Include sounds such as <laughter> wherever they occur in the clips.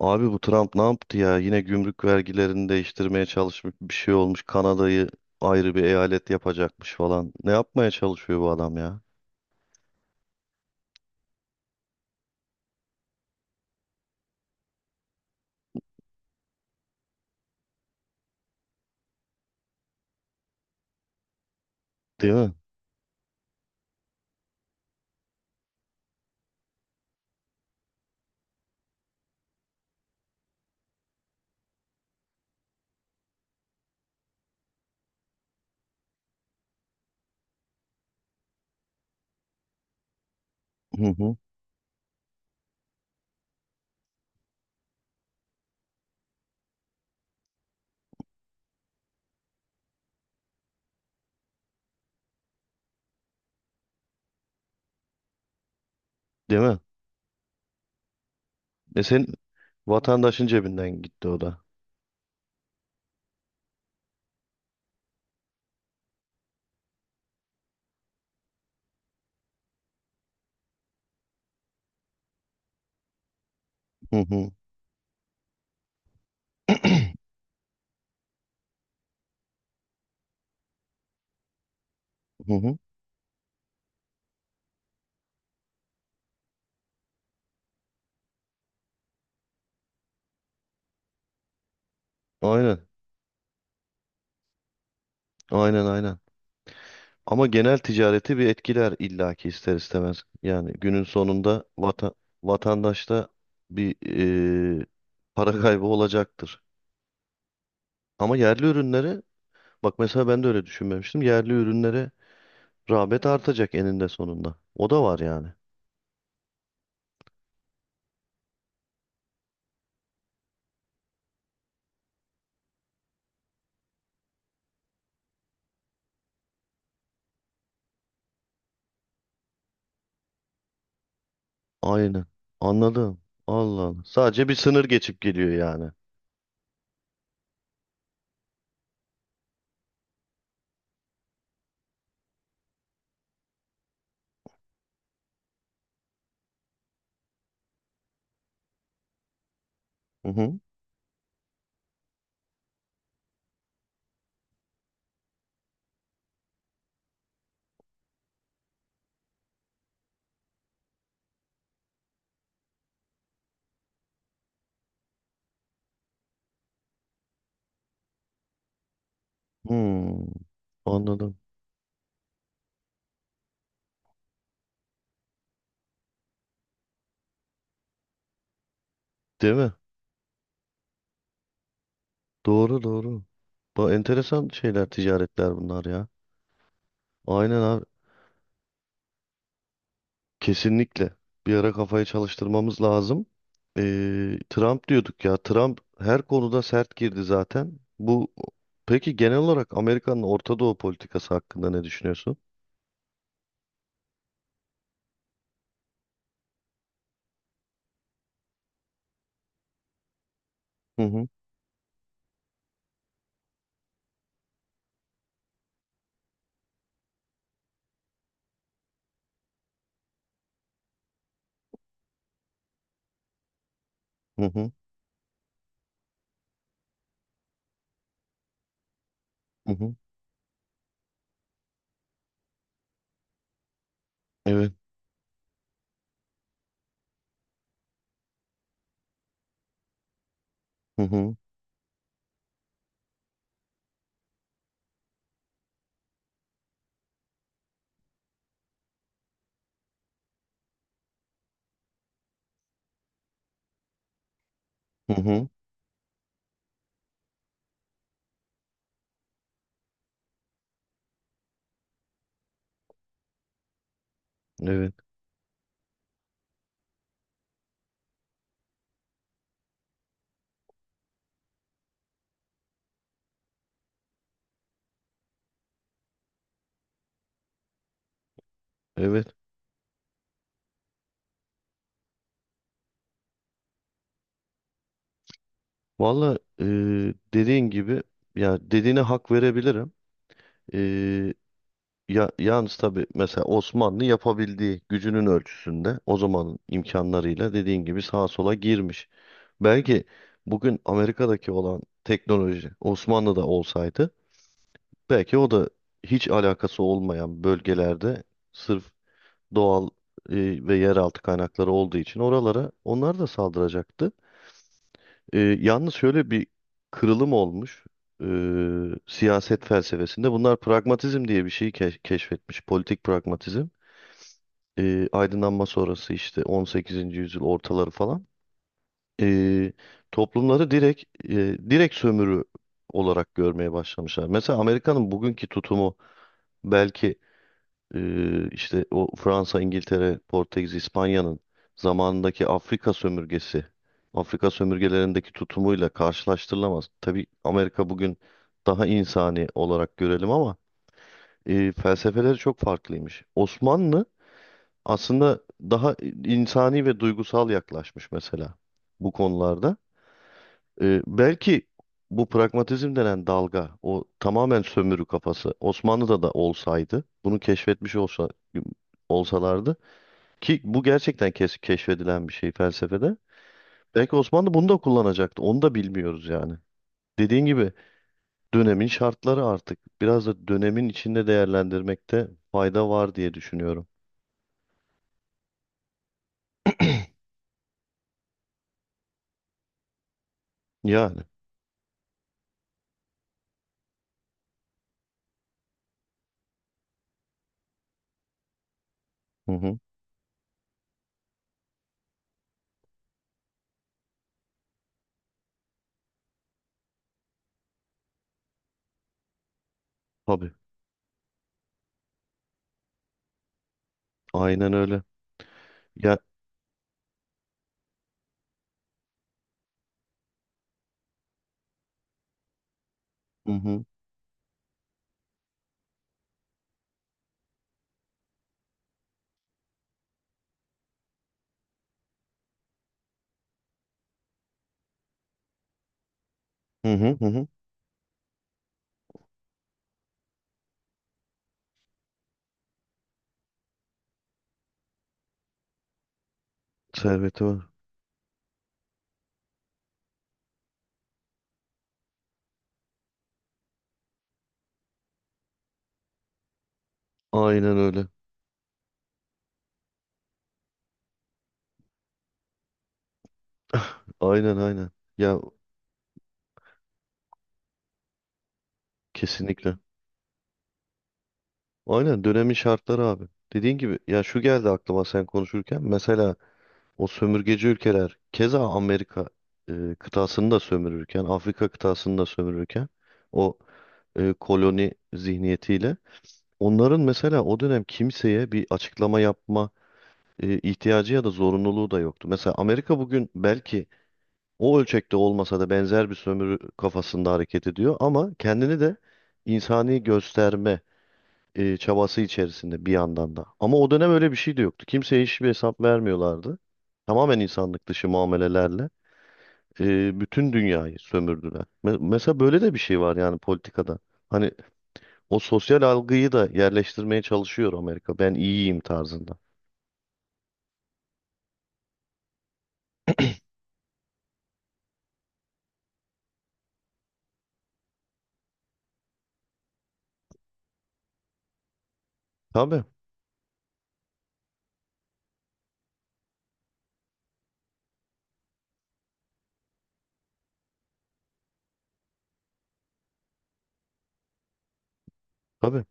Abi, bu Trump ne yaptı ya? Yine gümrük vergilerini değiştirmeye çalışmış, bir şey olmuş. Kanada'yı ayrı bir eyalet yapacakmış falan. Ne yapmaya çalışıyor bu adam ya? Değil mi? Hı hı. Değil mi? E sen vatandaşın cebinden gitti o da. Hı hı. Hı hı. Aynen. Aynen aynen. Ama genel ticareti bir etkiler illaki ister istemez. Yani günün sonunda vatandaşta bir eee, para kaybı olacaktır. Ama yerli ürünleri. Bak, mesela ben de öyle düşünmemiştim. Yerli ürünlere rağbet artacak eninde sonunda. O da var yani. Aynen. Anladım. Allah Allah. Sadece bir sınır geçip geliyor yani. Hı hı. Hmm. Anladım. Değil mi? Doğru doğru. Bu enteresan şeyler, ticaretler bunlar ya. Aynen abi. Kesinlikle. Bir ara kafayı çalıştırmamız lazım. Trump diyorduk ya. Trump her konuda sert girdi zaten. Bu peki genel olarak Amerika'nın Orta Doğu politikası hakkında ne düşünüyorsun? Hı hı hı hı hı hı. Evet. Hı hı hı hı. Evet. Evet. Valla dediğin gibi, ya dediğine hak verebilirim. E, ya, yalnız tabii mesela Osmanlı yapabildiği gücünün ölçüsünde o zamanın imkanlarıyla dediğin gibi sağa sola girmiş. Belki bugün Amerika'daki olan teknoloji Osmanlı'da olsaydı, belki o da hiç alakası olmayan bölgelerde sırf doğal ve yeraltı kaynakları olduğu için oralara onlar da saldıracaktı. Yalnız şöyle bir kırılım olmuş e, siyaset felsefesinde. Bunlar pragmatizm diye bir şeyi keşfetmiş. Politik pragmatizm. Aydınlanma sonrası işte 18. yüzyıl ortaları falan. E, toplumları direkt direkt sömürü olarak görmeye başlamışlar. Mesela Amerika'nın bugünkü tutumu belki. İşte o Fransa, İngiltere, Portekiz, İspanya'nın zamanındaki Afrika sömürgesi, Afrika sömürgelerindeki tutumuyla karşılaştırılamaz. Tabii Amerika bugün daha insani olarak görelim ama felsefeleri çok farklıymış. Osmanlı aslında daha insani ve duygusal yaklaşmış mesela bu konularda. Belki bu pragmatizm denen dalga, o tamamen sömürü kafası Osmanlı'da da olsaydı, bunu keşfetmiş olsalardı, ki bu gerçekten keşfedilen bir şey felsefede. Belki Osmanlı bunu da kullanacaktı. Onu da bilmiyoruz yani. Dediğin gibi, dönemin şartları artık biraz da dönemin içinde değerlendirmekte fayda var diye düşünüyorum. Yani. Hı hı. Tabii. Aynen öyle. Ya hı hı. Hı hı hı. Hı. Serveti var. Aynen öyle. Aynen aynen. Ya, kesinlikle. Aynen dönemin şartları abi. Dediğin gibi, ya şu geldi aklıma sen konuşurken. Mesela o sömürgeci ülkeler keza Amerika kıtasını da sömürürken, Afrika kıtasını da sömürürken o koloni zihniyetiyle onların mesela o dönem kimseye bir açıklama yapma ihtiyacı ya da zorunluluğu da yoktu. Mesela Amerika bugün belki o ölçekte olmasa da benzer bir sömürü kafasında hareket ediyor, ama kendini de insani gösterme çabası içerisinde bir yandan da. Ama o dönem öyle bir şey de yoktu. Kimseye hiçbir hesap vermiyorlardı. Tamamen insanlık dışı muamelelerle bütün dünyayı sömürdüler. Mesela böyle de bir şey var yani politikada. Hani o sosyal algıyı da yerleştirmeye çalışıyor Amerika. Ben iyiyim tarzında. Tabii, tabii.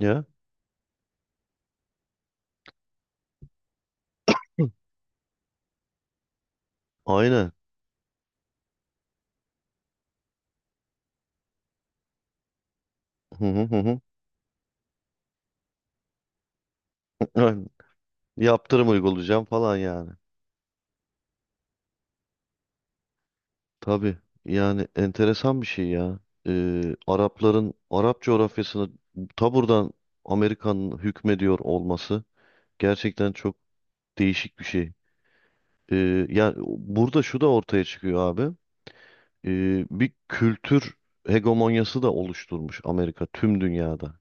Ya, aynen. Hı hı hı hı. <laughs> Aynen. Yaptırım uygulayacağım falan yani. Tabii, yani enteresan bir şey ya. Arapların Arap coğrafyasını ta buradan Amerika'nın hükmediyor olması gerçekten çok değişik bir şey. Yani burada şu da ortaya çıkıyor abi. Bir kültür hegemonyası da oluşturmuş Amerika tüm dünyada.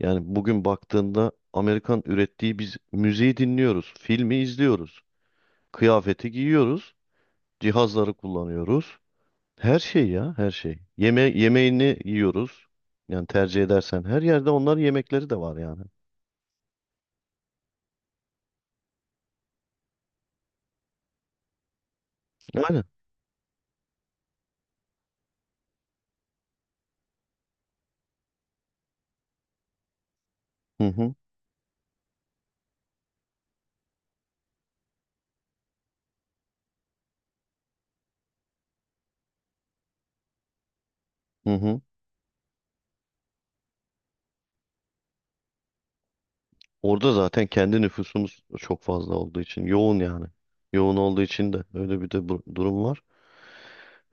Yani bugün baktığında Amerikan ürettiği biz müziği dinliyoruz, filmi izliyoruz, kıyafeti giyiyoruz, cihazları kullanıyoruz. Her şey ya, her şey. Yeme yemeğini yiyoruz. Yani tercih edersen her yerde onların yemekleri de var yani. Aynen. Hı hı. Hı hı. Orada zaten kendi nüfusumuz çok fazla olduğu için yoğun yani. Yoğun olduğu için de öyle bir de bu- durum var.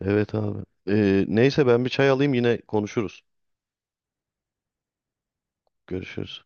Evet abi. Neyse, ben bir çay alayım, yine konuşuruz. Görüşürüz.